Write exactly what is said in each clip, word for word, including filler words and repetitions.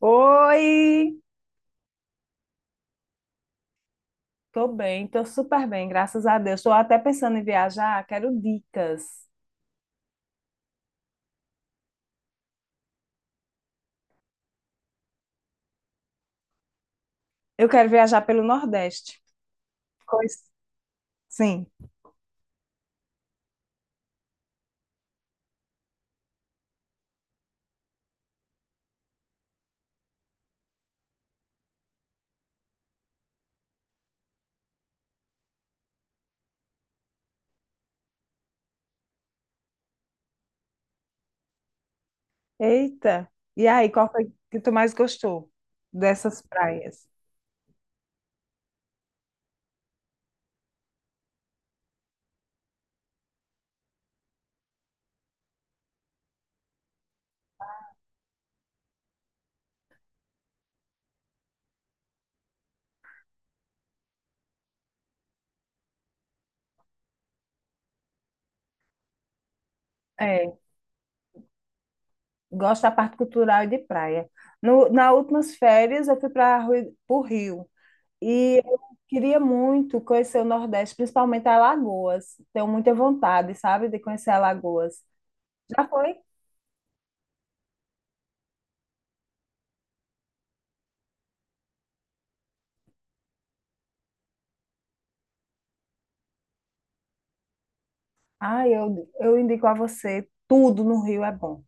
Oi! Tô bem, tô super bem, graças a Deus. Tô até pensando em viajar, quero dicas. Eu quero viajar pelo Nordeste. Pois. Sim. Eita! E aí, qual foi que tu mais gostou dessas praias? É, gosto da parte cultural e de praia. No, nas últimas férias, eu fui para o Rio. E eu queria muito conhecer o Nordeste, principalmente Alagoas. Tenho muita vontade, sabe, de conhecer Alagoas. Já foi? Ah, eu, eu indico a você, tudo no Rio é bom.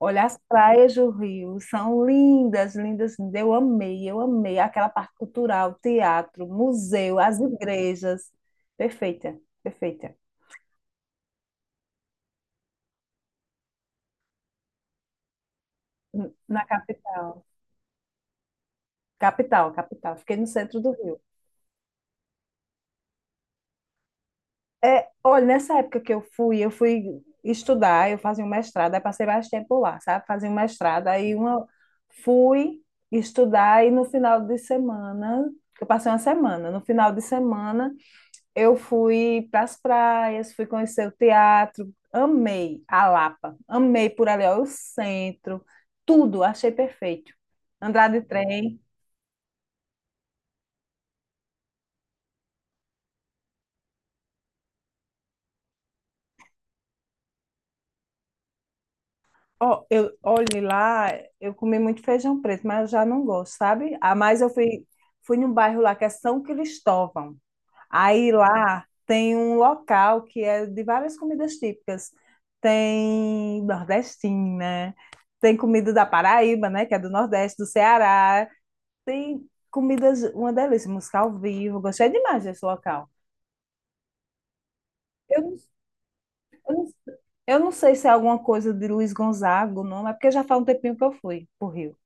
Olha, as praias do Rio são lindas, lindas, lindas. Eu amei, eu amei aquela parte cultural, teatro, museu, as igrejas. Perfeita, perfeita. N- Na capital. Capital, capital. Fiquei no centro do Rio. É, olha, nessa época que eu fui, eu fui estudar, eu fazia um mestrado, aí passei mais tempo lá, sabe? Fazia um mestrado, aí uma, fui estudar e no final de semana, eu passei uma semana, no final de semana eu fui para as praias, fui conhecer o teatro, amei a Lapa, amei por ali, ó, o centro, tudo, achei perfeito. Andar de trem. Ó, eu, olhe lá, eu comi muito feijão preto, mas eu já não gosto, sabe? Ah, mas eu fui, fui num bairro lá que é São Cristóvão. Aí lá tem um local que é de várias comidas típicas. Tem nordestina, tem comida da Paraíba, né? Que é do Nordeste, do Ceará. Tem comidas, uma delícia, música ao vivo. Gostei demais desse local. Eu, não- eu, não- eu não sei se é alguma coisa de Luiz Gonzaga, não, é porque já faz um tempinho que eu fui pro Rio.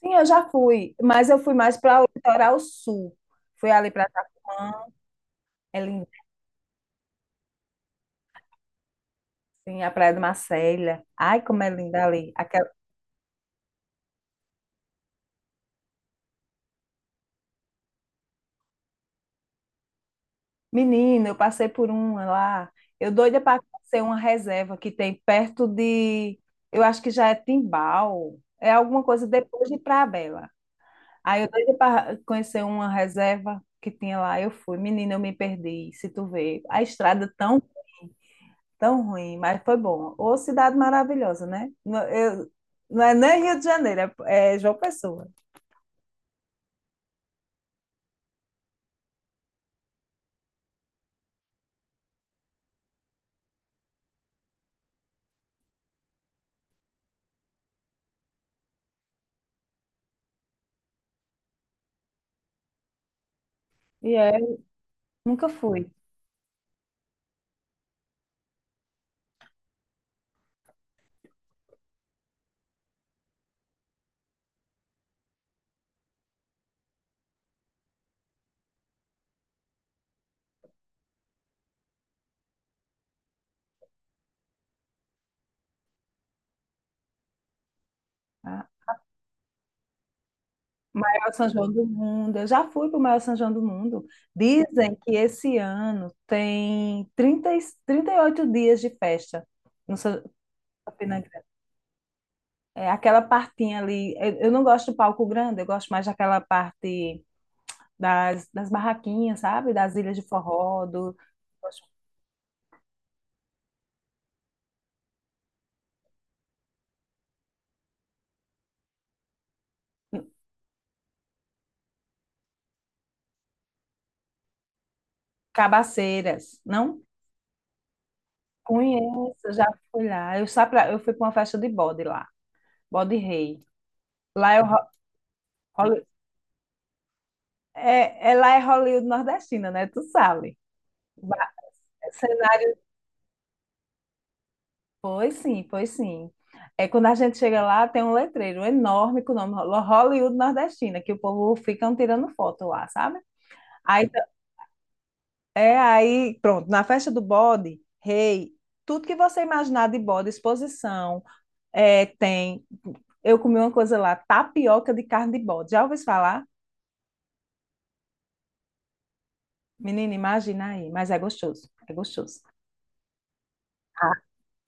Sim, eu já fui, mas eu fui mais para o litoral sul. Fui ali para Tacumã, é lindo, sim, a Praia de Marcélia. Ai, como é linda ali. Aquela. Menina, eu passei por uma lá. Eu doida para conhecer uma reserva que tem perto de, eu acho que já é Timbal, é alguma coisa depois de Praia Bela. Aí eu doida para conhecer uma reserva que tinha lá, eu fui. Menina, eu me perdi, se tu vê. A estrada tão Tão ruim, mas foi bom. Ô, cidade maravilhosa, né? Não, eu- não é nem Rio de Janeiro, é, é João Pessoa. E é, nunca fui. Tá? Maior São João do mundo. Eu já fui para o maior São João do mundo. Dizem que esse ano tem trinta e- trinta e oito dias de festa no São Campina Grande. É aquela partinha ali. Eu, eu não gosto do palco grande, eu gosto mais daquela parte, das, das barraquinhas, sabe? Das ilhas de forró, do, das cabaceiras, não? Conheço, já fui lá. Eu, só pra, eu fui para uma festa de bode lá, bode rei. Lá é, o Ho- Holly- é, é- lá é Hollywood nordestina, né? Tu sabe. Ba- Cenário. Pois sim, pois sim. É, quando a gente chega lá, tem um letreiro enorme com o nome Ho- Hollywood nordestina, que o povo ficam tirando foto lá, sabe? Aí É aí, pronto, na festa do bode, rei, tudo que você imaginar de bode, exposição, é, tem. Eu comi uma coisa lá, tapioca de carne de bode. Já ouviu falar? Menina, imagina aí, mas é gostoso, é gostoso. Ah,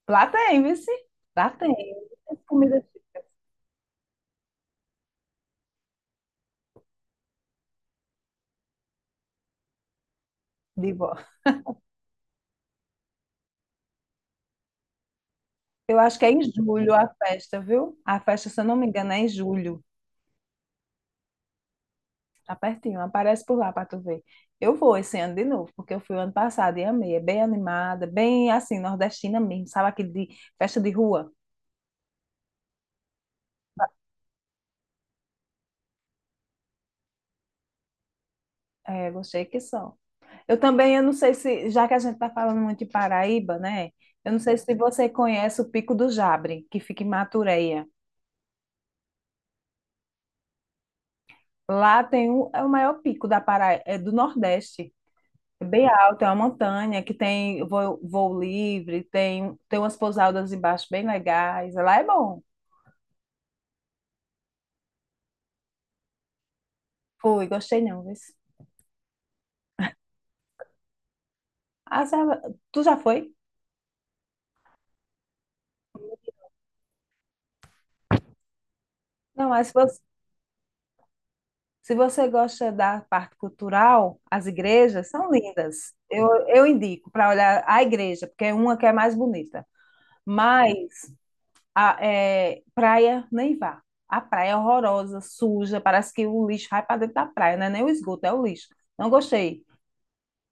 lá tem, viu? Sim? Lá tem comida de bode. Eu acho que é em julho a festa, viu? A festa, se eu não me engano, é em julho. Tá pertinho, aparece por lá para tu ver. Eu vou esse ano de novo, porque eu fui o ano passado e amei. É bem animada, bem assim, nordestina mesmo, sabe? Aquele de festa de rua. É, gostei que só. Eu também, eu não sei se, já que a gente tá falando muito de Paraíba, né? Eu não sei se você conhece o Pico do Jabre, que fica em Matureia. Lá tem o, é o maior pico da Paraíba, é do Nordeste. É bem alto, é uma montanha que tem voo, voo livre, tem, tem umas pousadas embaixo bem legais. Lá é bom. Fui, gostei não, viu? Ah, já- tu já foi? Não, mas se você, se você gosta da parte cultural, as igrejas são lindas. Eu, eu indico para olhar a igreja, porque é uma que é mais bonita. Mas a é, praia, nem vá. A praia é horrorosa, suja, parece que o lixo vai para dentro da praia, não é nem o esgoto, é o lixo. Não gostei,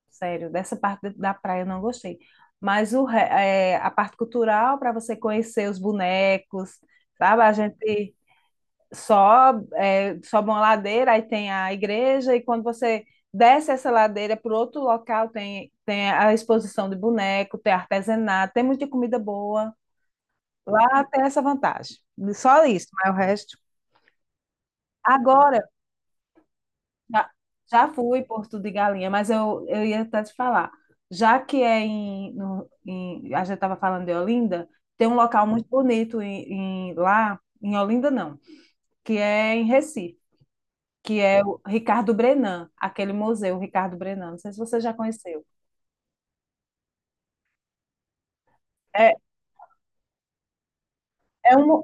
sério, dessa parte da praia eu não gostei. Mas o, re- é, a parte cultural, para você conhecer os bonecos, sabe? A gente. Só é, sobe uma ladeira, aí tem a igreja, e quando você desce essa ladeira para outro local, tem, tem, a exposição de boneco, tem artesanato, tem muita comida boa. Lá tem essa vantagem. Só isso, mas o resto. Agora, já, já fui em Porto de Galinha, mas eu, eu ia até te falar. Já que é em, no- em- a gente estava falando de Olinda, tem um local muito bonito em, em- lá, em Olinda não, que é em Recife, que é o Ricardo Brennand, aquele museu Ricardo Brennand. Não sei se você já conheceu. É, é um,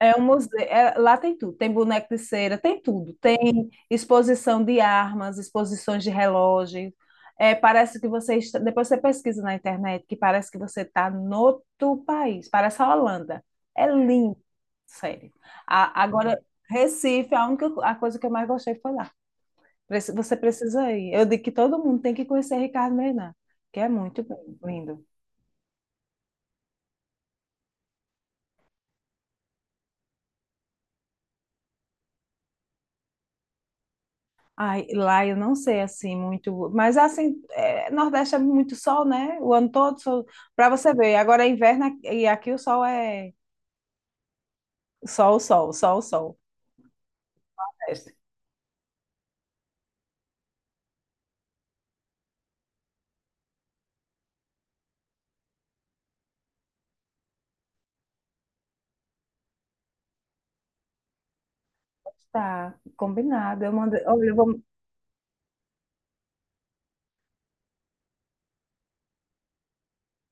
é um museu, é- lá tem tudo, tem boneco de cera, tem tudo, tem exposição de armas, exposições de relógios. É, parece que você está, depois você pesquisa na internet que parece que você está no outro país, parece a Holanda. É lindo, sério. A- agora, Recife, a única co- a coisa que eu mais gostei foi lá. Prec- Você precisa ir. Eu digo que todo mundo tem que conhecer Ricardo Meirelles, que é muito bom, lindo. Ai, lá eu não sei assim muito, mas assim, é, Nordeste é muito sol, né? O ano todo, sol, para você ver. Agora é inverno aqui- e aqui o sol é sol, sol, sol, sol. Nordeste. Tá, combinado. Eu mando, olha, eu vou,